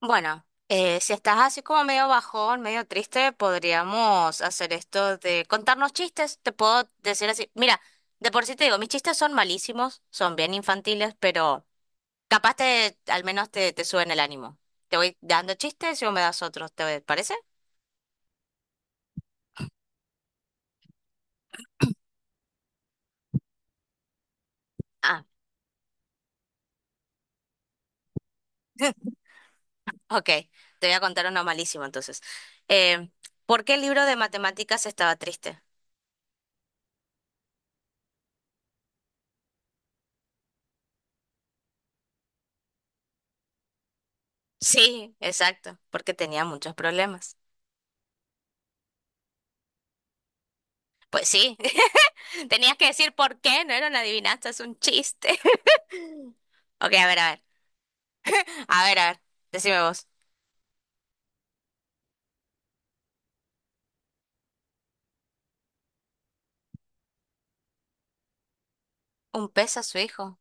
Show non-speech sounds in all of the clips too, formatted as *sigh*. Bueno, si estás así como medio bajón, medio triste, podríamos hacer esto de contarnos chistes. Te puedo decir así, mira, de por sí te digo, mis chistes son malísimos, son bien infantiles, pero al menos te suben el ánimo. Te voy dando chistes y vos me das otros, ¿te parece? Ah, *laughs* ok, te voy a contar uno malísimo entonces. Eh, ¿Por qué el libro de matemáticas estaba triste? Sí, exacto, porque tenía muchos problemas. Pues sí, *laughs* tenías que decir por qué, no era una adivinanza, es un chiste. *laughs* Ok, a ver, a ver, a ver, a ver, decime vos. ¿Un pez a su hijo?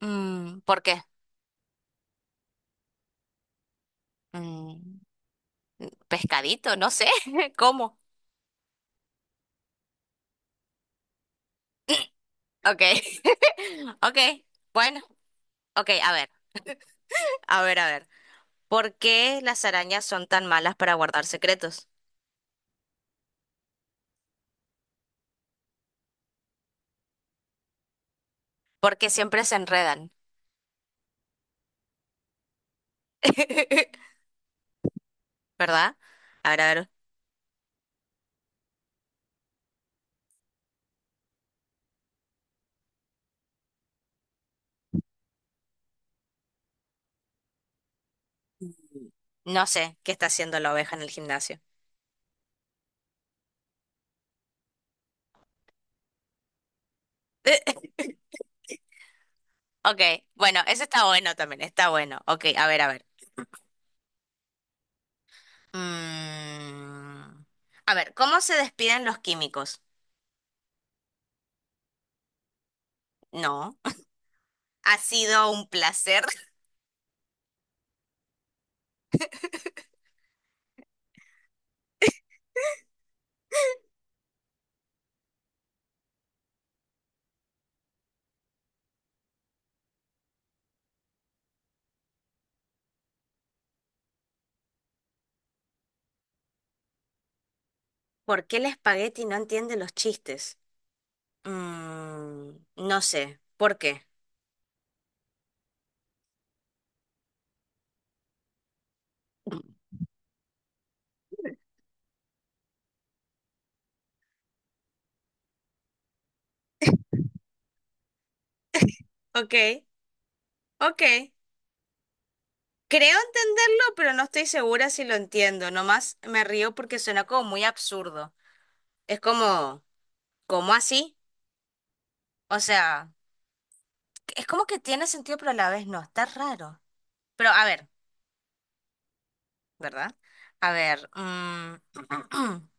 Mm, ¿por qué? Mm, pescadito, no sé, *laughs* ¿cómo? Ok, *laughs* ok, bueno, ok, a ver, a ver, a ver. ¿Por qué las arañas son tan malas para guardar secretos? Porque siempre se enredan, *laughs* ¿verdad? A ver, no sé, ¿qué está haciendo la oveja en el gimnasio? *laughs* Ok, bueno, eso está bueno también, está bueno. Ok, a ver, a ver. Mm, a ver, ¿cómo se despiden los químicos? No. Ha sido un placer. *laughs* ¿Por qué el espagueti no entiende los chistes? Mm, no sé. ¿Por qué? Ok, ok. Creo entenderlo, pero no estoy segura si lo entiendo. Nomás me río porque suena como muy absurdo. Es como, ¿cómo así? O sea, es como que tiene sentido, pero a la vez no. Está raro. Pero a ver. ¿Verdad? A ver, *clears throat*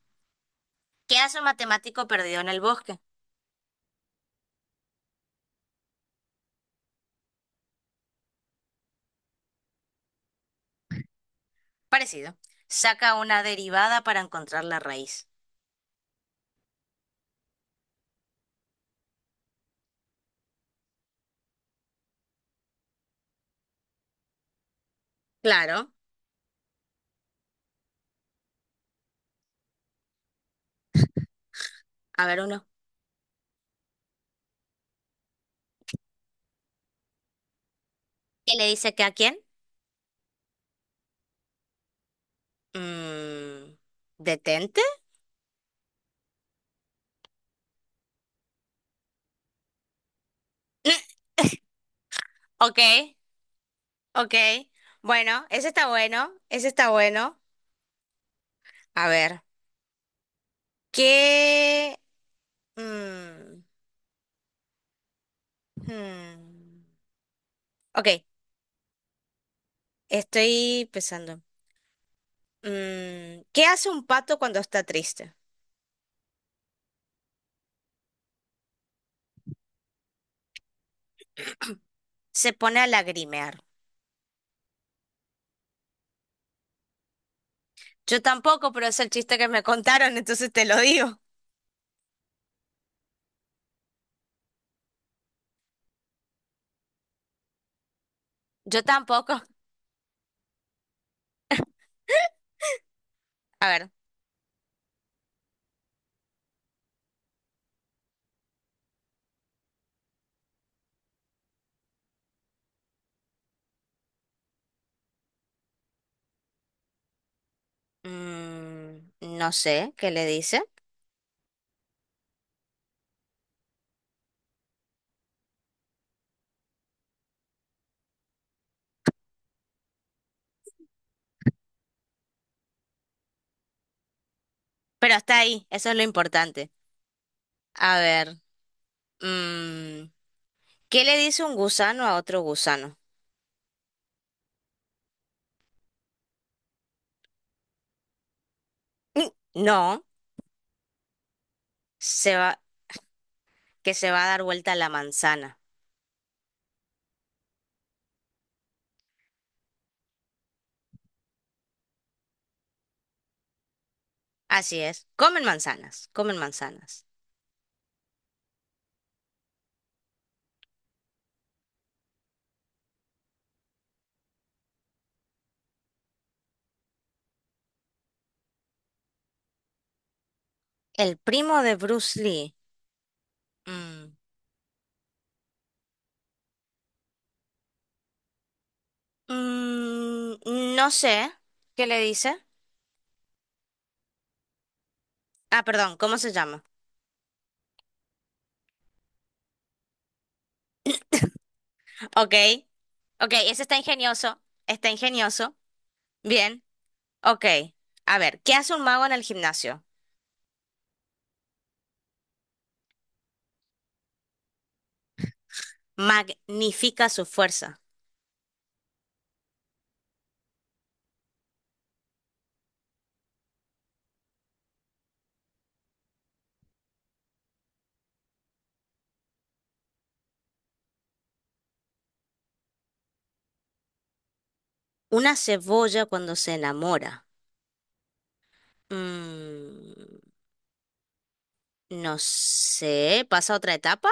¿qué hace un matemático perdido en el bosque? Parecido. Saca una derivada para encontrar la raíz. Claro. A ver uno. ¿Qué le dice que a quién? Mm, ¿detente? *clears throat* *laughs* Ok, ok. Bueno, ese está bueno, ese está bueno. A ver, ¿qué? Mm, hmm. Ok, estoy pensando. ¿Qué hace un pato cuando está triste? Se pone a lagrimear. Yo tampoco, pero es el chiste que me contaron, entonces te lo digo. Yo tampoco. A ver, mm, no sé qué le dice, pero está ahí, eso es lo importante. A ver, mm, ¿qué le dice un gusano a otro gusano? Mm, no, se va, que se va a dar vuelta la manzana. Así es, comen manzanas, comen manzanas. El primo de Bruce Lee. mm, no sé qué le dice. Ah, perdón, ¿cómo se llama? Ok. Ok, ese está ingenioso. Está ingenioso. Bien. Ok. A ver, ¿qué hace un mago en el gimnasio? Magnifica su fuerza. Una cebolla cuando se enamora. Mm, no sé. ¿Pasa a otra etapa?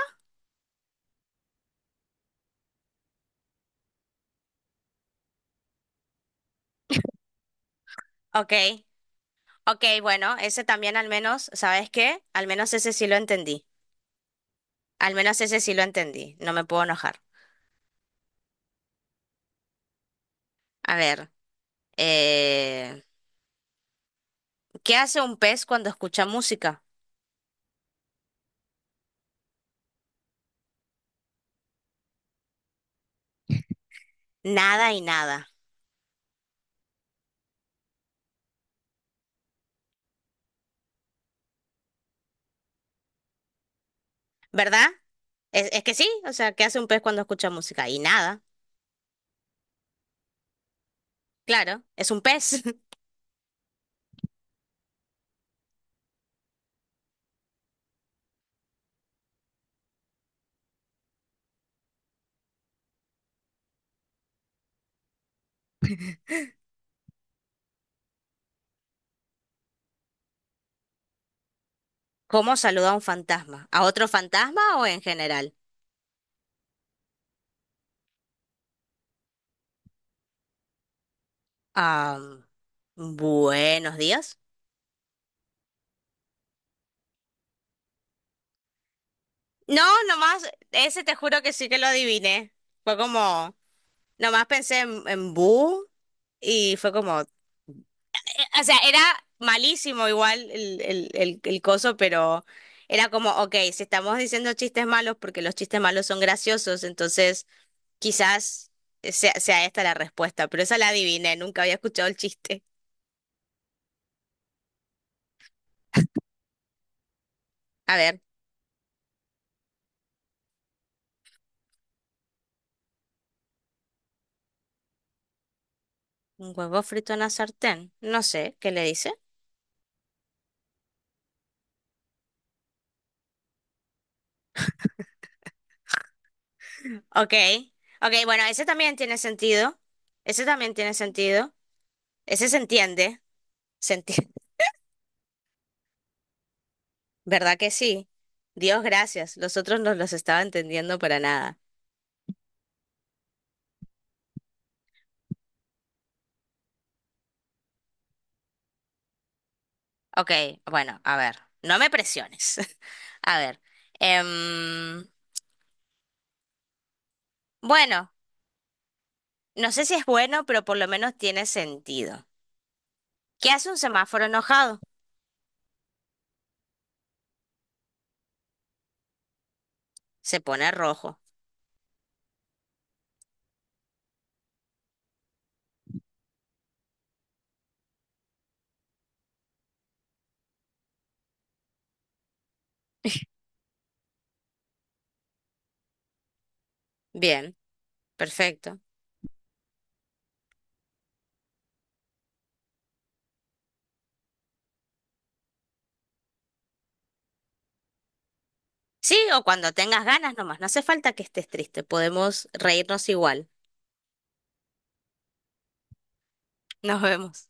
Ok. Ok, bueno, ese también al menos, ¿sabes qué? Al menos ese sí lo entendí. Al menos ese sí lo entendí. No me puedo enojar. A ver, eh, ¿qué hace un pez cuando escucha música? Nada y nada. ¿Verdad? Es que sí, o sea, ¿qué hace un pez cuando escucha música? Y nada, claro, es un pez. *laughs* ¿Cómo saluda a un fantasma? ¿A otro fantasma o en general? Ah, buenos días. No, nomás, ese te juro que sí que lo adiviné. Fue como, nomás pensé en bu y fue como, o sea, era malísimo igual el coso, pero era como, ok, si estamos diciendo chistes malos, porque los chistes malos son graciosos, entonces... Quizás sea esta la respuesta, pero esa la adiviné, nunca había escuchado el chiste. A ver, un huevo frito en la sartén. No sé, ¿qué le dice? Ok, ok, bueno, ese también tiene sentido. Ese también tiene sentido. Ese se entiende, *laughs* ¿verdad que sí? Dios gracias, los otros no los estaba entendiendo para nada. Ok, bueno, a ver, no me presiones. *laughs* A ver, em, bueno, no sé si es bueno, pero por lo menos tiene sentido. ¿Qué hace un semáforo enojado? Se pone rojo. Bien, perfecto. Sí, o cuando tengas ganas nomás. No hace falta que estés triste. Podemos reírnos igual. Nos vemos.